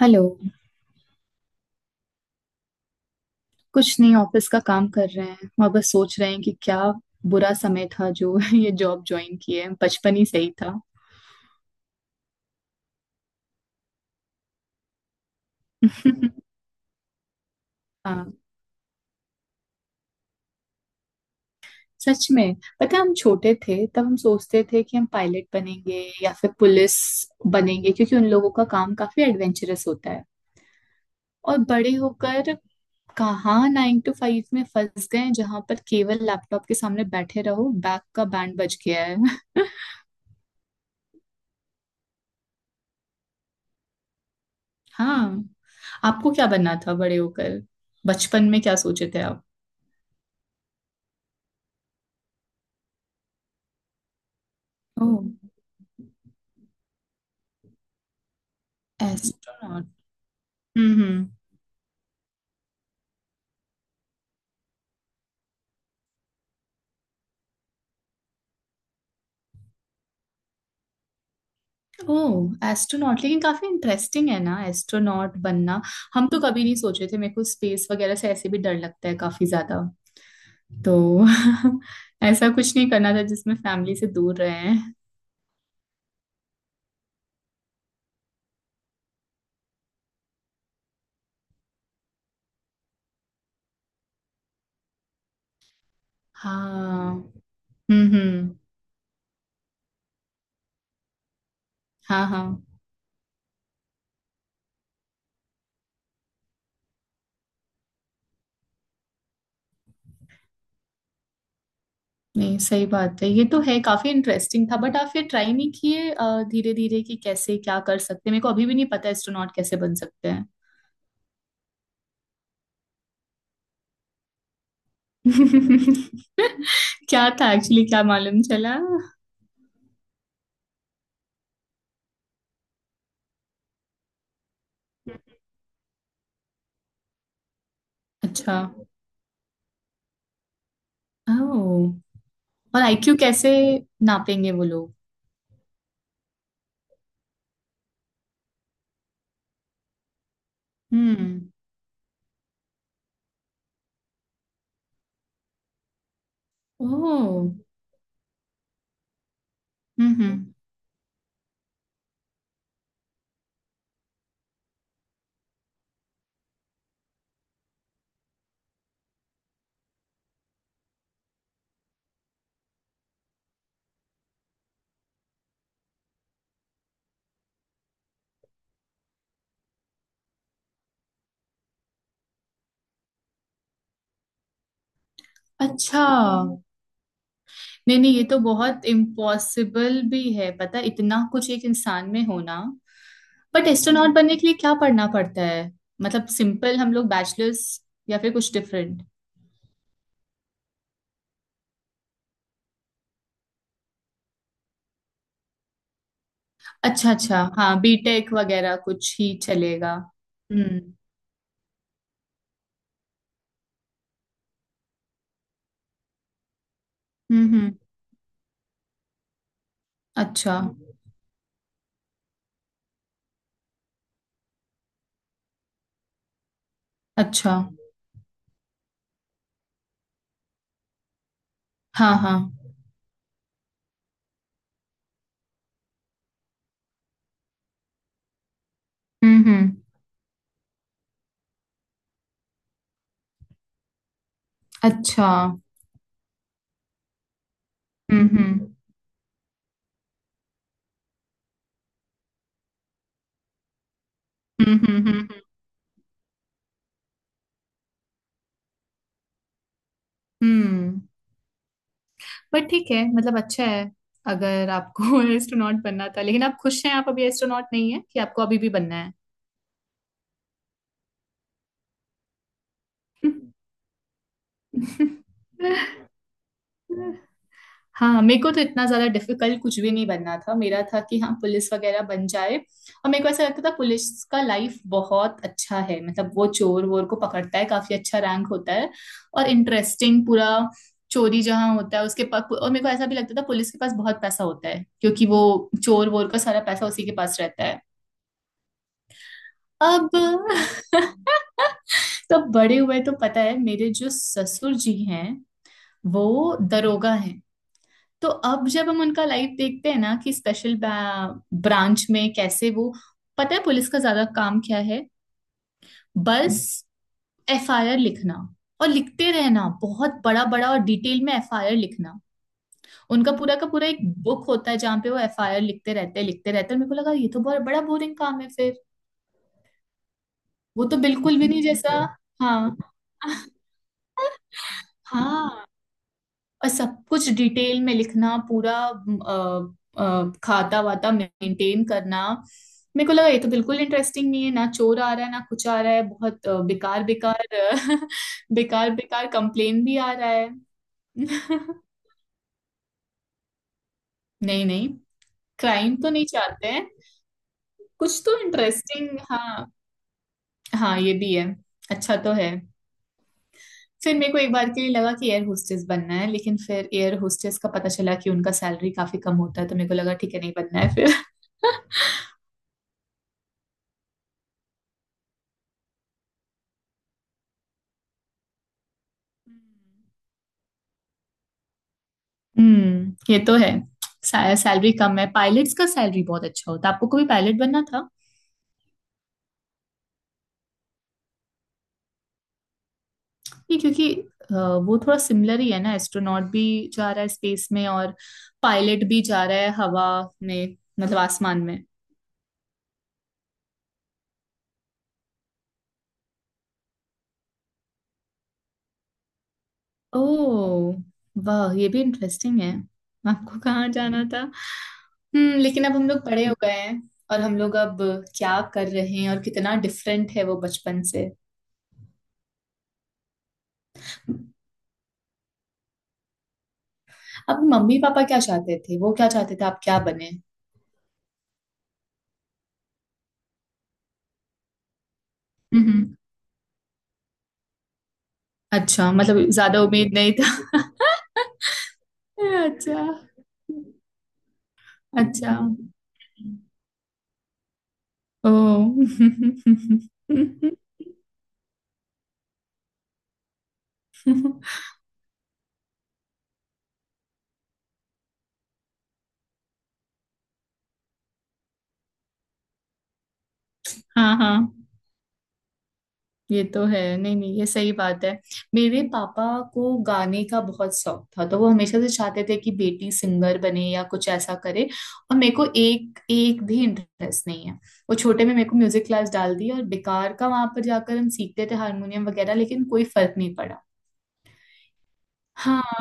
Hello. कुछ नहीं, office का काम कर रहे हैं और बस सोच रहे हैं कि क्या बुरा समय था जो ये जॉब ज्वाइन किए, बचपन ही सही था। हाँ, सच में। पता है, हम छोटे थे तब हम सोचते थे कि हम पायलट बनेंगे या फिर पुलिस बनेंगे क्योंकि उन लोगों का काम काफी एडवेंचरस होता है। और बड़े होकर कहाँ 9 to 5 में फंस गए जहां पर केवल लैपटॉप के सामने बैठे रहो, बैक का बैंड बज गया है। हाँ। आपको क्या बनना था बड़े होकर? बचपन में क्या सोचे थे आप? Oh! Astronaut? Hmm. Oh, astronaut! लेकिन काफी इंटरेस्टिंग है ना एस्ट्रोनॉट बनना। हम तो कभी नहीं सोचे थे, मेरे को स्पेस वगैरह से ऐसे भी डर लगता है काफी ज्यादा। तो ऐसा कुछ नहीं करना था जिसमें फैमिली से दूर रहे हैं। हाँ। हम्म। हाँ हाँ। नहीं, सही बात है, ये तो है, काफी इंटरेस्टिंग था। बट आप फिर ट्राई नहीं किए धीरे धीरे कि कैसे क्या कर सकते हैं? मेरे को अभी भी नहीं पता एस्ट्रोनॉट कैसे बन सकते हैं। क्या था एक्चुअली, क्या मालूम चला? अच्छा। ओ। और IQ कैसे नापेंगे वो लोग? हम्म। ओ। हम्म। अच्छा। नहीं नहीं, ये तो बहुत इम्पॉसिबल भी है। पता है, इतना कुछ एक इंसान में होना। बट एस्ट्रोनॉट बनने के लिए क्या पढ़ना पड़ता है? मतलब सिंपल हम लोग बैचलर्स, या फिर कुछ डिफरेंट? अच्छा अच्छा, हाँ बीटेक वगैरह कुछ ही चलेगा। हम्म हम्म हम्म, अच्छा। अच्छा। हाँ हाँ। हम्म। अच्छा। हम्म। हम्म। हम्म। बट ठीक है, मतलब अच्छा है। अगर आपको एस्ट्रोनॉट बनना था, लेकिन आप खुश हैं आप अभी एस्ट्रोनॉट नहीं है कि आपको अभी भी बनना है? हाँ। मेरे को तो इतना ज्यादा डिफिकल्ट कुछ भी नहीं बनना था। मेरा था कि हाँ पुलिस वगैरह बन जाए, और मेरे को ऐसा लगता था पुलिस का लाइफ बहुत अच्छा है, मतलब वो चोर वोर को पकड़ता है, काफी अच्छा रैंक होता है और इंटरेस्टिंग पूरा। चोरी जहाँ होता है उसके पास, और मेरे को ऐसा भी लगता था पुलिस के पास बहुत पैसा होता है क्योंकि वो चोर वोर का सारा पैसा उसी के पास रहता है। अब तो बड़े हुए तो पता है, मेरे जो ससुर जी हैं वो दरोगा हैं। तो अब जब हम उनका लाइफ देखते हैं ना कि स्पेशल ब्रांच में कैसे वो, पता है पुलिस का ज्यादा काम क्या है? बस FIR लिखना, और लिखते रहना बहुत बड़ा बड़ा और डिटेल में FIR लिखना। उनका पूरा का पूरा एक बुक होता है जहाँ पे वो FIR लिखते रहते हैं, लिखते रहते हैं। और मेरे को लगा ये तो बहुत बड़ा बोरिंग काम है फिर। वो तो बिल्कुल भी नहीं जैसा। हाँ हाँ। और सब कुछ डिटेल में लिखना पूरा, खाता वाता मेंटेन करना। मेरे को लगा ये तो बिल्कुल इंटरेस्टिंग नहीं है, ना चोर आ रहा है ना कुछ आ रहा है, बहुत बेकार बेकार बेकार बेकार कंप्लेन भी आ रहा है। नहीं नहीं। क्राइम तो नहीं चाहते हैं। कुछ तो इंटरेस्टिंग, हाँ। हाँ ये भी है। अच्छा तो है। फिर मेरे को एक बार के लिए लगा कि एयर होस्टेस बनना है, लेकिन फिर एयर होस्टेस का पता चला कि उनका सैलरी काफी कम होता है, तो मेरे को लगा ठीक है, नहीं बनना है फिर। हम्म, ये तो है। सैलरी कम है। पायलट्स का सैलरी बहुत अच्छा होता है। आपको कभी पायलट बनना था? ये क्योंकि अ, वो थोड़ा सिमिलर ही है ना, एस्ट्रोनॉट भी जा रहा है स्पेस में और पायलट भी जा रहा है हवा में, मतलब आसमान में। ओह वाह, ये भी इंटरेस्टिंग है। आपको कहाँ जाना था? हम्म, लेकिन अब हम लोग बड़े हो गए हैं और हम लोग अब क्या कर रहे हैं, और कितना डिफरेंट है वो बचपन से। अब मम्मी पापा क्या चाहते थे? वो क्या चाहते थे आप क्या बने? अच्छा, मतलब ज़्यादा उम्मीद नहीं था। अच्छा, अच्छा। ओह! हाँ, हाँ। ये तो है। नहीं, नहीं, ये सही बात है। मेरे पापा को गाने का बहुत शौक था, तो वो हमेशा से चाहते थे कि बेटी सिंगर बने या कुछ ऐसा करे, और मेरे को एक एक भी इंटरेस्ट नहीं है। वो छोटे में मेरे को म्यूज़िक क्लास डाल दी, और बेकार का वहाँ पर जाकर हम सीखते थे हारमोनियम वगैरह, लेकिन कोई फर्क नहीं पड़ा। हाँ।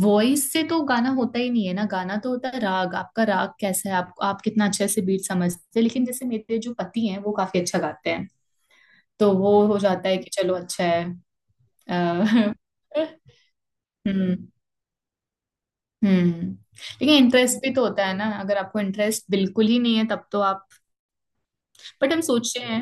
वॉइस से तो गाना होता ही नहीं है ना। गाना तो होता है राग, आपका राग कैसा है, आप कितना अच्छे से बीट समझते हैं। लेकिन जैसे मेरे जो पति हैं वो काफी अच्छा गाते हैं, तो वो हो जाता है कि चलो अच्छा है। अ, हम्म हम्म। लेकिन इंटरेस्ट भी तो होता है ना, अगर आपको इंटरेस्ट बिल्कुल ही नहीं है तब तो आप... बट हम सोचते हैं,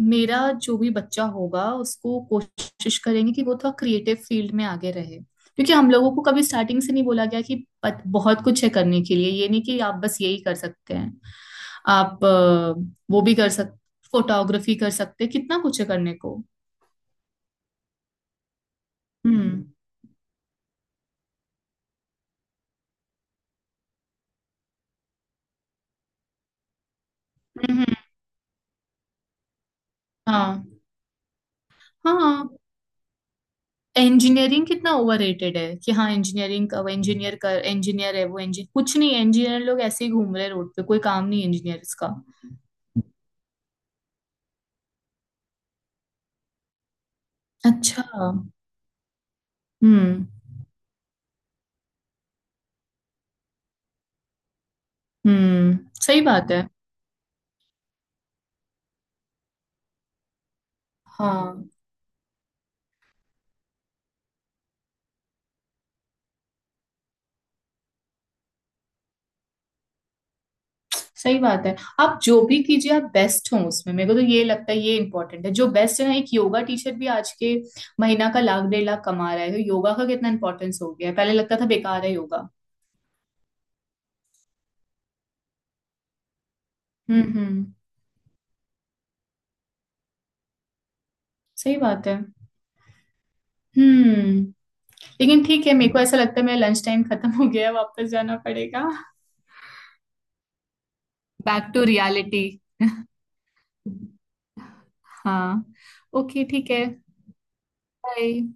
मेरा जो भी बच्चा होगा उसको कोशिश करेंगे कि वो थोड़ा क्रिएटिव फील्ड में आगे रहे, क्योंकि हम लोगों को कभी स्टार्टिंग से नहीं बोला गया कि बहुत कुछ है करने के लिए। ये नहीं कि आप बस यही कर सकते हैं, आप वो भी कर सकते, फोटोग्राफी कर सकते हैं, कितना कुछ है करने को। हम्म हम्म। हाँ हाँ। इंजीनियरिंग कितना ओवररेटेड है कि हाँ, इंजीनियरिंग का वो इंजीनियर, कर इंजीनियर है, वो इंजीनियर, कुछ नहीं, इंजीनियर लोग ऐसे ही घूम रहे हैं रोड पे, कोई काम नहीं इंजीनियर्स का। अच्छा। हम्म हम्म। सही बात है। हाँ, सही बात है। आप जो भी कीजिए आप बेस्ट हो उसमें, मेरे को तो ये लगता है ये इम्पोर्टेंट है, जो बेस्ट है ना। एक योगा टीचर भी आज के महीना का लाख 1.5 लाख कमा रहा है, तो योगा का कितना इंपॉर्टेंस हो गया है। पहले लगता था बेकार है योगा। हम्म। सही बात है। हम्म। लेकिन ठीक है, मेरे को ऐसा लगता है मेरा लंच टाइम खत्म हो गया है, वापस जाना पड़ेगा। Back to reality. हाँ। ओके, ठीक है। बाय।